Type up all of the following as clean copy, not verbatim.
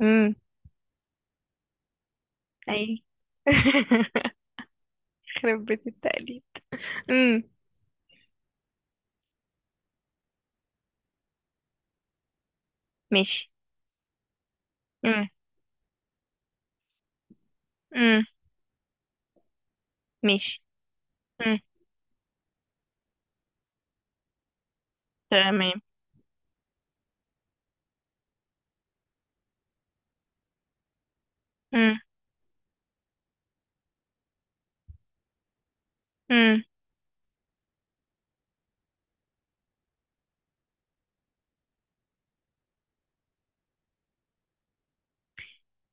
امم. اي. خرب بيت التقليد. امم. ماشي. امم. امم. ماشي. امم. تمام. امم. امم.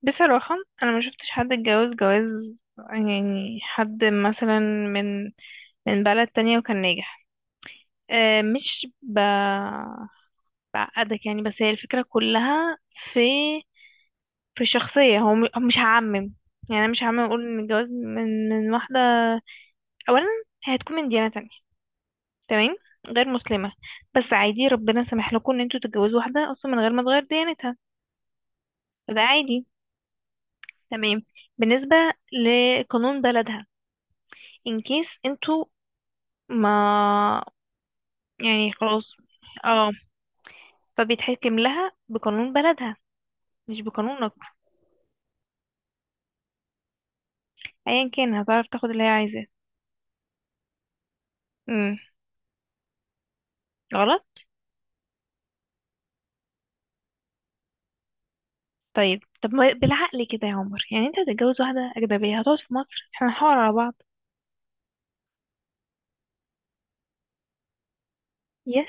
بصراحة، انا ما شفتش حد اتجوز جواز، يعني حد مثلا من من بلد تانية وكان ناجح. أه، مش بعقدك يعني، بس هي الفكرة كلها في في الشخصية. هو مش هعمم، يعني انا مش هعمم اقول ان الجواز من واحدة. اولا، هي هتكون من ديانة، تمام، غير مسلمة. بس عادي، ربنا سمح لكم ان انتوا تتجوزوا واحدة اصلا من غير ما تغير ديانتها، فده عادي. تمام. بالنسبة لقانون بلدها، ان كيس انتوا، ما يعني خلاص. اه، فبيتحكم لها بقانون بلدها، مش بقانونك. ايا كان هتعرف تاخد اللي هي عايزاه. امم. غلط. طيب طب ما بالعقل كده يا عمر؟ يعني انت هتتجوز واحدة أجنبية هتقعد في مصر، احنا هنحاور على بعض. يس.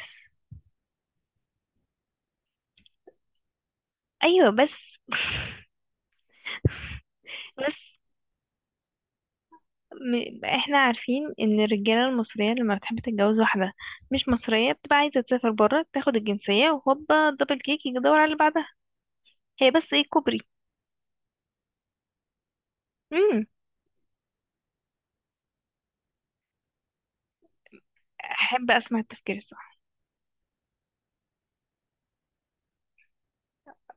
ايوه، بس. بس احنا عارفين ان الرجاله المصريه لما بتحب تتجوز واحده مش مصريه، بتبقى عايزه تسافر بره تاخد الجنسيه وهوبا دبل كيك، يجي يدور على اللي بعدها. هي بس ايه، كوبري. امم. احب اسمع التفكير الصح.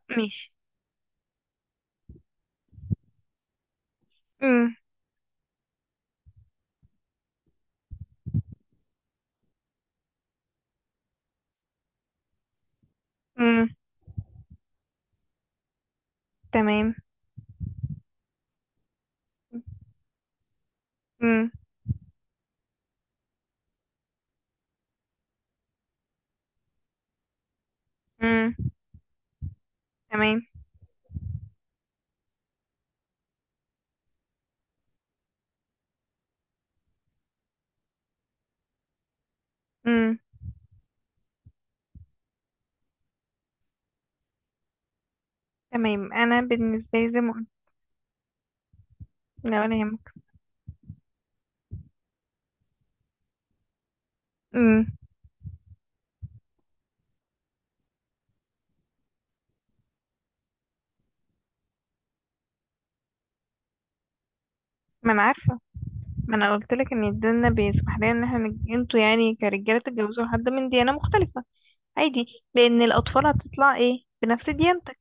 ماشي. امم. امم. تمام. امم. امم. تمام. امم. تمام. انا بالنسبه لي زي ما قلت. لا، ولا يهمك. امم. ما انا عارفه، ما انا قلت لك ان الدنيا بيسمح لنا ان احنا انتوا يعني كرجاله تتجوزوا حد من ديانه مختلفه، عادي. لان الاطفال هتطلع ايه بنفس ديانتك.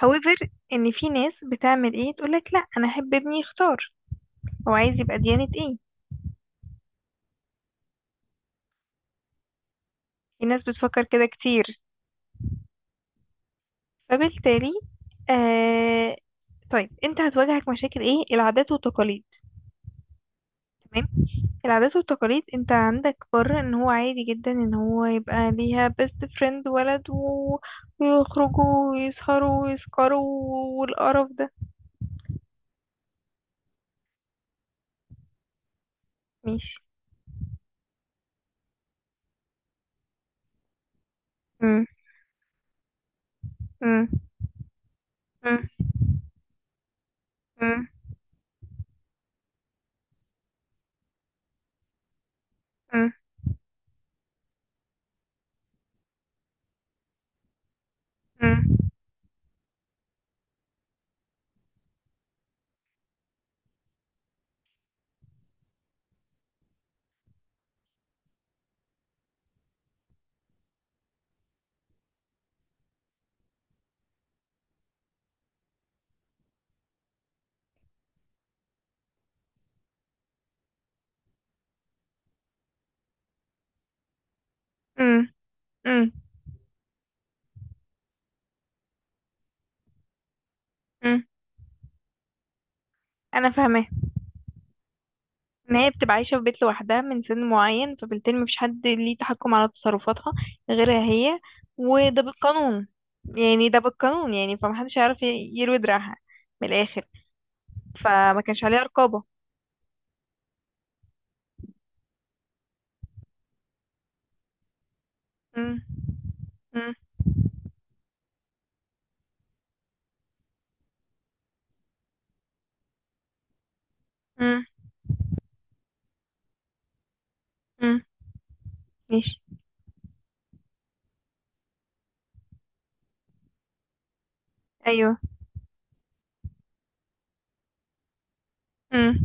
However، ان في ناس بتعمل ايه، تقولك لا انا احب ابني يختار هو عايز يبقى ديانة ايه. في ناس بتفكر كده كتير. فبالتالي آه، طيب انت هتواجهك مشاكل ايه، العادات والتقاليد. تمام. العادات والتقاليد انت عندك بره، ان هو عادي جدا ان هو يبقى ليها بيست فريند ولد ويخرجوا ويسهروا ويسكروا والقرف ده. ماشي. مم، مم، مم، مم، مم، مم، مم، مم. انا فاهمه. ان هي بتبقى عايشة في بيت لوحدها من سن معين، فبالتالي مفيش حد ليه تحكم على تصرفاتها غيرها هي، وده بالقانون. يعني ده بالقانون، يعني فمحدش هيعرف يروي دراعها من الآخر. فما كانش عليها رقابة. مم، مم، مم، مم. ماشي. أيوه. مم،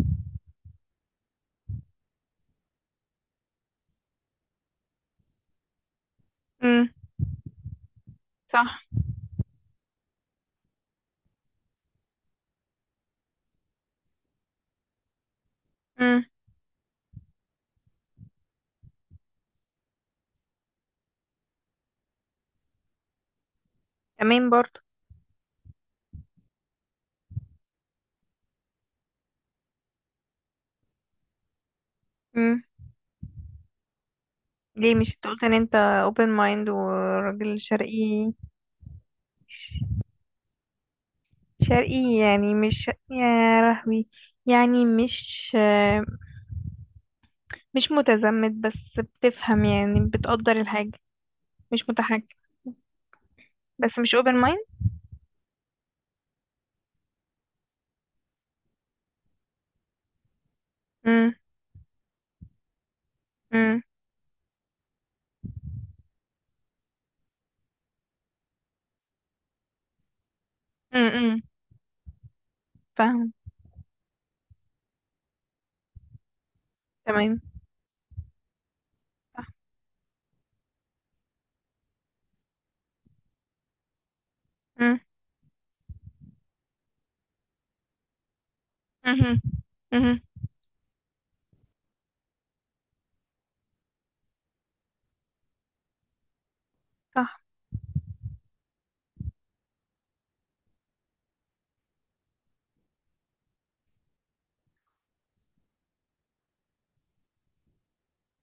مم. صح. مم. تمام برضه. مم. ليه مش انت قلت ان انت open mind وراجل شرقي؟ شرقي يعني مش يا لهوي، يعني مش متزمت، بس بتفهم يعني بتقدر الحاجة. مش متحكم. بس مش open mind. امم. امم. امم. فاهم. تمام. صح. امم. امم. امم. صح.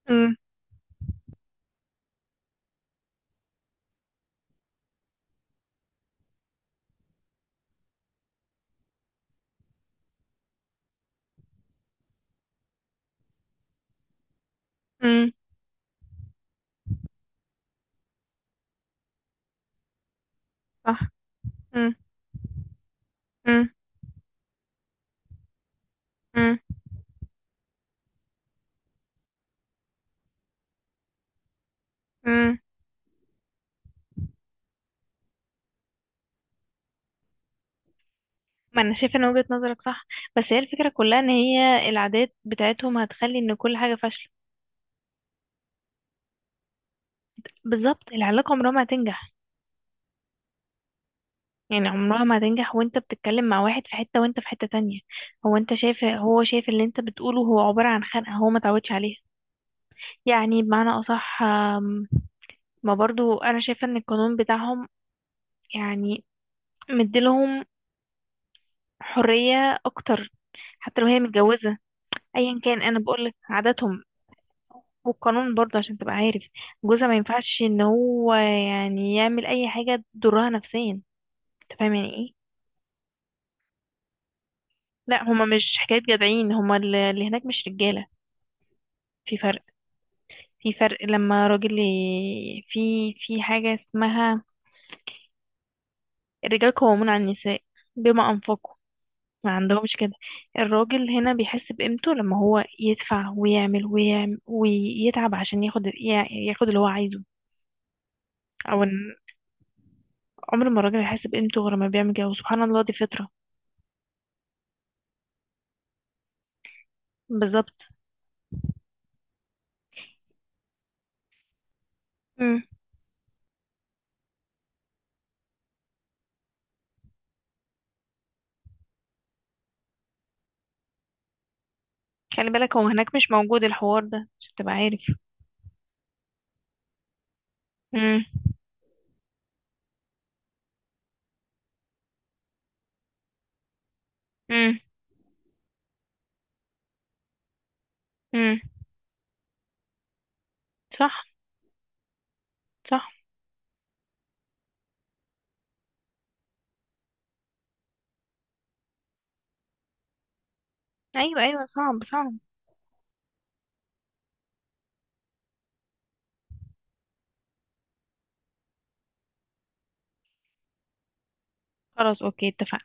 امم. امم. صح. امم. امم. امم. امم. ما انا شايفه ان وجهة نظرك صح، بس هي الفكره كلها ان هي العادات بتاعتهم هتخلي ان كل حاجه فاشله. بالظبط، العلاقه عمرها ما هتنجح. يعني عمرها ما هتنجح، وانت بتتكلم مع واحد في حته وانت في حته تانية. هو انت شايف، هو شايف اللي انت بتقوله هو عباره عن خنقه هو ما تعودش عليها. يعني بمعنى أصح، ما برضو أنا شايفة إن القانون بتاعهم، يعني مديلهم حرية أكتر حتى لو هي متجوزة. أيا كان، أنا بقولك عاداتهم. والقانون برضه عشان تبقى عارف، جوزها ما ينفعش إن هو يعني يعمل أي حاجة تضرها نفسيا. أنت فاهم يعني إيه؟ لا، هما مش حكاية جدعين، هما اللي هناك مش رجالة. في فرق. في فرق لما راجل في حاجة اسمها الرجال قوامون على النساء بما أنفقوا. ما عندهمش كده. الراجل هنا بيحس بقيمته لما هو يدفع ويعمل ويعمل ويتعب عشان ياخد ياخد اللي هو عايزه. او ان عمر ما الراجل هيحس بقيمته غير لما بيعمل كده، وسبحان الله دي فطرة. بالظبط. مم. خلي بالك هو هناك مش موجود الحوار ده عشان تبقى عارف. مم. مم. مم. صح، صح. ايوه، ايوه. صعب، صعب. خلاص، اوكي، اتفقنا.